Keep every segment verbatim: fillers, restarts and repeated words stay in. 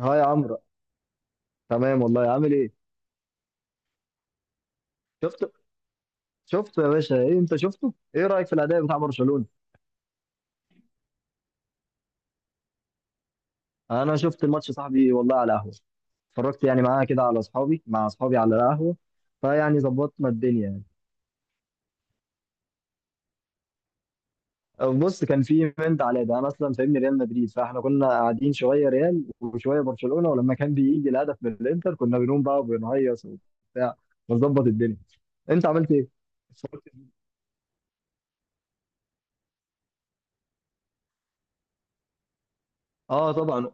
ها يا عمرو. تمام والله، عامل ايه؟ شفت شفت يا باشا؟ ايه انت شفته؟ ايه رايك في الاداء بتاع برشلونه؟ انا شفت الماتش صاحبي والله على قهوه. اتفرجت يعني معاها كده على اصحابي مع اصحابي على القهوه. فيعني ظبطنا الدنيا يعني. بص، كان في منت على ده، انا اصلا فاهمني ريال مدريد، فاحنا كنا قاعدين شويه ريال وشويه برشلونه، ولما كان بيجي الهدف من الانتر كنا بنقوم بقى وبنهيص وبتاع، ونظبط الدنيا. انت عملت ايه؟ اتفرجت؟ اه، طبعا.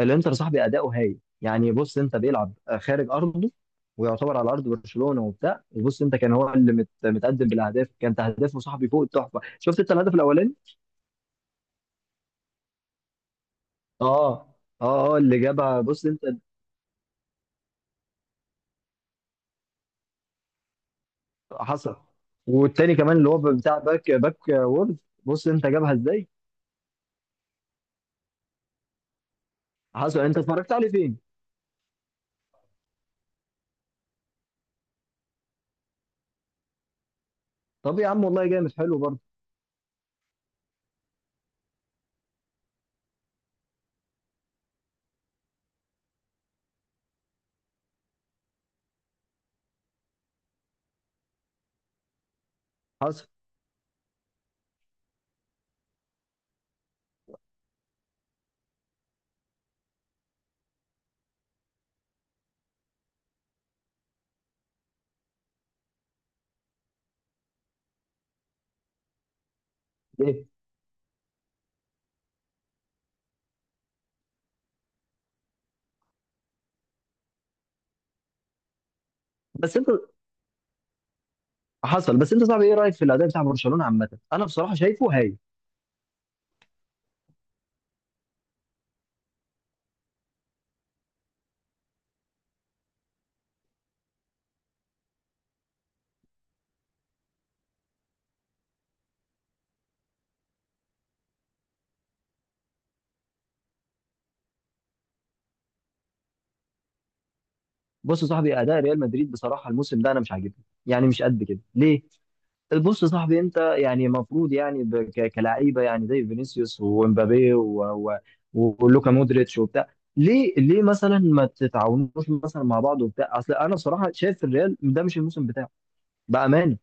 الانتر صاحبي اداؤه هايل يعني، بص انت، بيلعب خارج ارضه ويعتبر على ارض برشلونه وبتاع. وبص انت، كان هو اللي مت... متقدم بالاهداف، كانت اهدافه صاحبي فوق التحفه. شفت انت الهدف الاولاني؟ اه، اه، اه، اللي جابها بص انت. حصل. والتاني كمان اللي هو بتاع باك باك وورد، بص انت، جابها ازاي؟ حصل. انت اتفرجت عليه فين؟ طب يا عم، والله جامد حلو برضه. حصل ايه؟ بس انت، حصل. بس انت صاحبي، ايه رايك في الاداء بتاع برشلونه عامه؟ انا بصراحه شايفه هايل. بص يا صاحبي، اداء ريال مدريد بصراحه الموسم ده انا مش عاجبني يعني، مش قد كده ليه. بص يا صاحبي، انت يعني المفروض يعني ب- ك- كلاعيبه يعني زي فينيسيوس ومبابي و- و- ولوكا مودريتش وبتاع. ليه ليه مثلا ما تتعاونوش مثلا مع بعض وبتاع؟ اصل انا بصراحه شايف الريال ده مش الموسم بتاعه بامانه.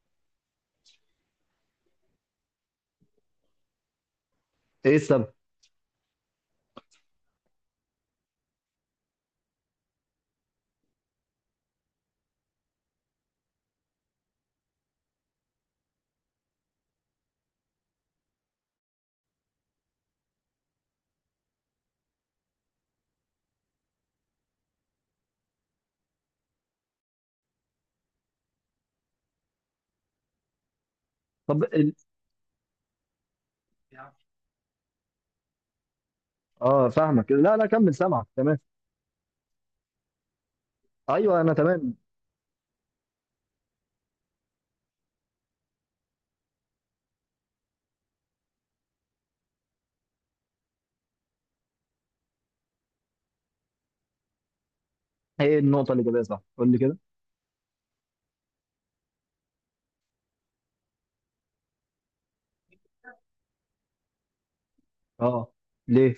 ايه السبب؟ طب ال... اه، فاهمك. لا لا، كمل سامعك تمام. ايوه، انا تمام. هي النقطه اللي جايبها صح، قول لي كده. اه، ليه؟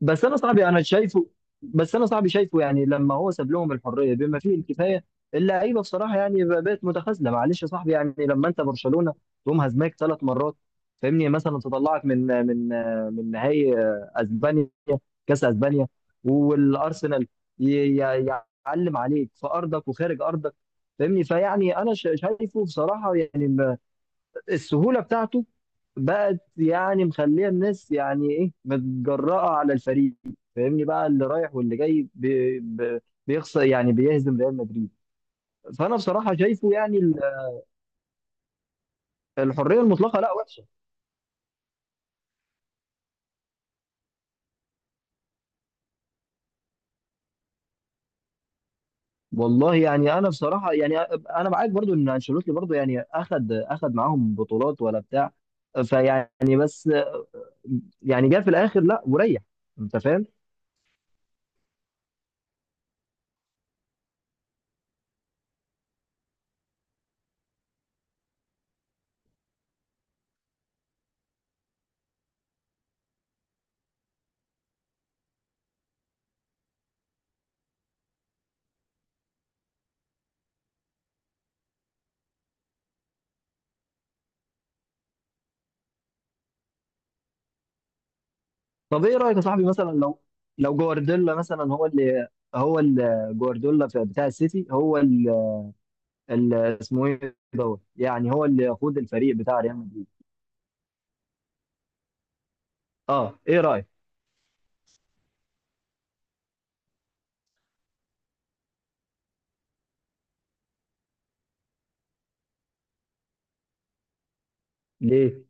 بس انا صاحبي، انا شايفه. بس انا صاحبي شايفه يعني لما هو ساب لهم الحريه بما فيه الكفايه، اللعيبه بصراحه يعني بقت متخاذله. معلش يا صاحبي يعني، لما انت برشلونه تقوم هزمك ثلاث مرات، فاهمني، مثلا تطلعك من من من نهائي اسبانيا، كاس اسبانيا، والارسنال، ي- ي- يعلم عليك في ارضك وخارج ارضك. فاهمني، فيعني انا ش- شايفه بصراحه يعني السهوله بتاعته بقت يعني مخليه الناس يعني ايه متجرأه على الفريق. فاهمني بقى، اللي رايح واللي جاي بي بي- بيخسر، يعني بيهزم ريال مدريد. فانا بصراحه شايفه يعني ال- الحريه المطلقه لا وحشه. والله يعني، انا بصراحه يعني انا معاك برضو ان انشيلوتي برضو يعني اخد اخد معاهم بطولات ولا بتاع، فيعني بس يعني جه في الاخر لا، وريح. انت فاهم. طب ايه رايك يا صاحبي، مثلا لو لو جوارديولا مثلا، هو اللي هو اللي جوارديولا في- بتاع السيتي، هو اللي اللي اسمه ايه دوت، يعني هو اللي يقود الفريق بتاع ريال مدريد؟ اه، ايه رايك؟ ليه؟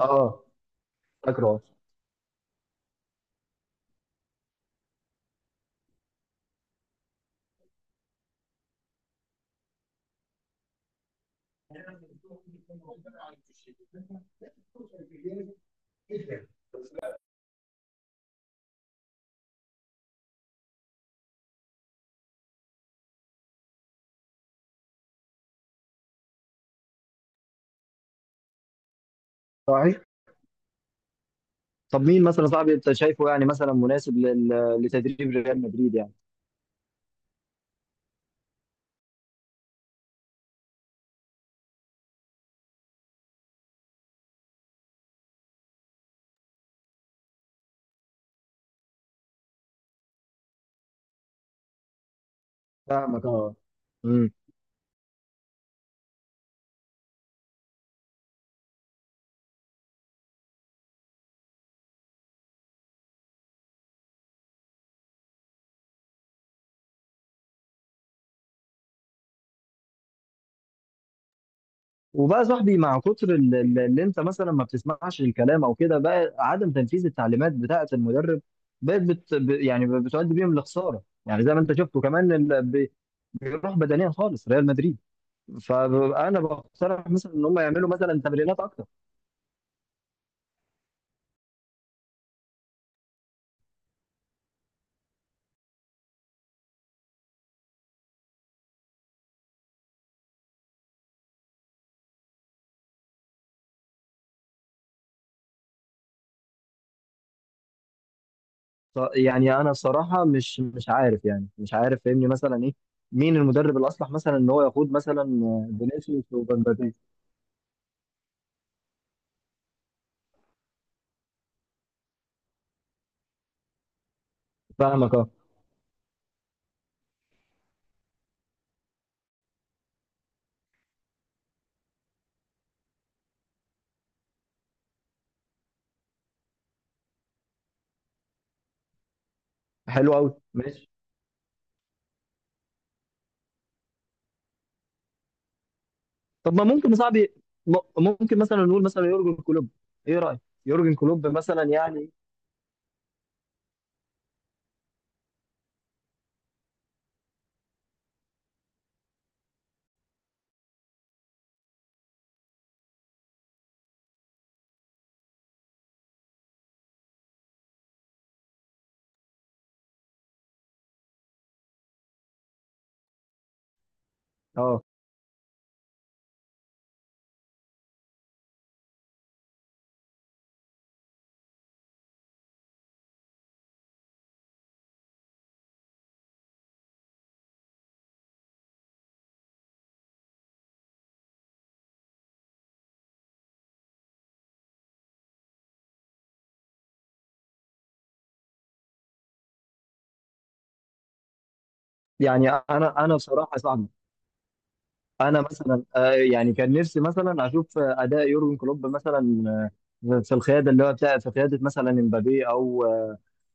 اه، فاكره. صحيح. طب مين مثلا صاحبي انت شايفه يعني مثلا مناسب لل- لتدريب ريال مدريد يعني؟ فاهمك اه. وبقى يا صاحبي مع كتر ال- ال- اللي انت مثلا ما بتسمعش الكلام او كده بقى عدم تنفيذ التعليمات بتاعه المدرب بقت بت ب- يعني بتؤدي بيهم لخساره يعني زي ما انت شفته كمان ال- بي- بيروح بدنيا خالص ريال مدريد فانا بقترح مثلا ان هم يعملوا مثلا تمرينات اكتر ف- يعني انا الصراحه مش مش عارف يعني مش عارف فاهمني مثلا ايه مين المدرب الاصلح مثلا ان هو يقود مثلا فينيسيوس ومبابي فاهمك اه حلو قوي. طب ما ممكن يا صاحبي م- ممكن مثلا نقول مثلا يورجن كلوب؟ ايه رايك؟ يورجن كلوب مثلا يعني. اه، يعني انا انا بصراحه يا صاحبي، انا مثلا آه يعني كان نفسي مثلا اشوف آه، اداء يورجن كلوب مثلا آه، في القياده اللي هو بتاع، في قياده مثلا امبابي او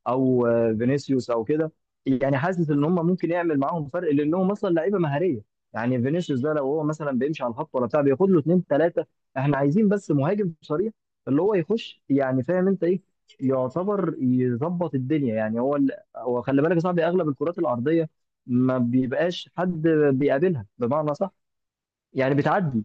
او آه، فينيسيوس او كده. يعني حاسس ان هم ممكن يعمل معاهم فرق لانهم مثلا لعيبه مهاريه. يعني فينيسيوس ده لو هو مثلا بيمشي على الخط ولا بتاع بياخد له اثنين ثلاثه. احنا عايزين بس مهاجم صريح اللي هو يخش، يعني فاهم انت ايه، يعتبر يظبط الدنيا يعني. هو ال... هو خلي بالك يا صاحبي، اغلب الكرات الارضيه ما بيبقاش حد بيقابلها بمعنى صح، يعني بتعدي.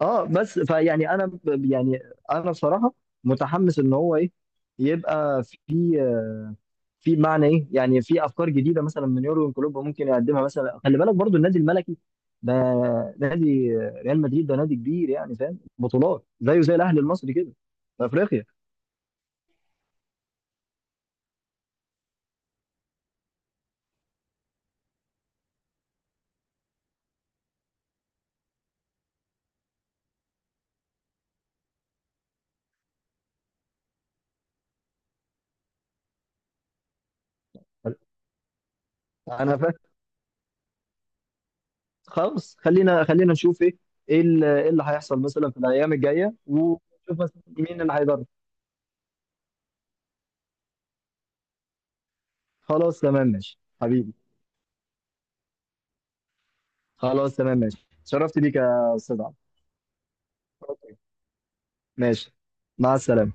اه، بس فيعني انا ب- يعني انا بصراحه متحمس ان هو ايه، يبقى في آه، في معنى ايه، يعني في افكار جديده مثلا من يورجن كلوب ممكن يقدمها. مثلا خلي بالك برضو النادي الملكي ده، نادي ريال مدريد ده نادي كبير يعني فاهم، بطولات زيه زي الاهلي المصري كده في افريقيا. انا فاهم. خلاص، خلينا خلينا نشوف ايه، ايه اللي إيه اللي هيحصل مثلا في الايام الجايه، ونشوف مثلا مين اللي هيدرب. خلاص تمام، ماشي حبيبي. خلاص تمام، ماشي، شرفت بيك يا استاذ عمرو. أوكي. ماشي، مع السلامه.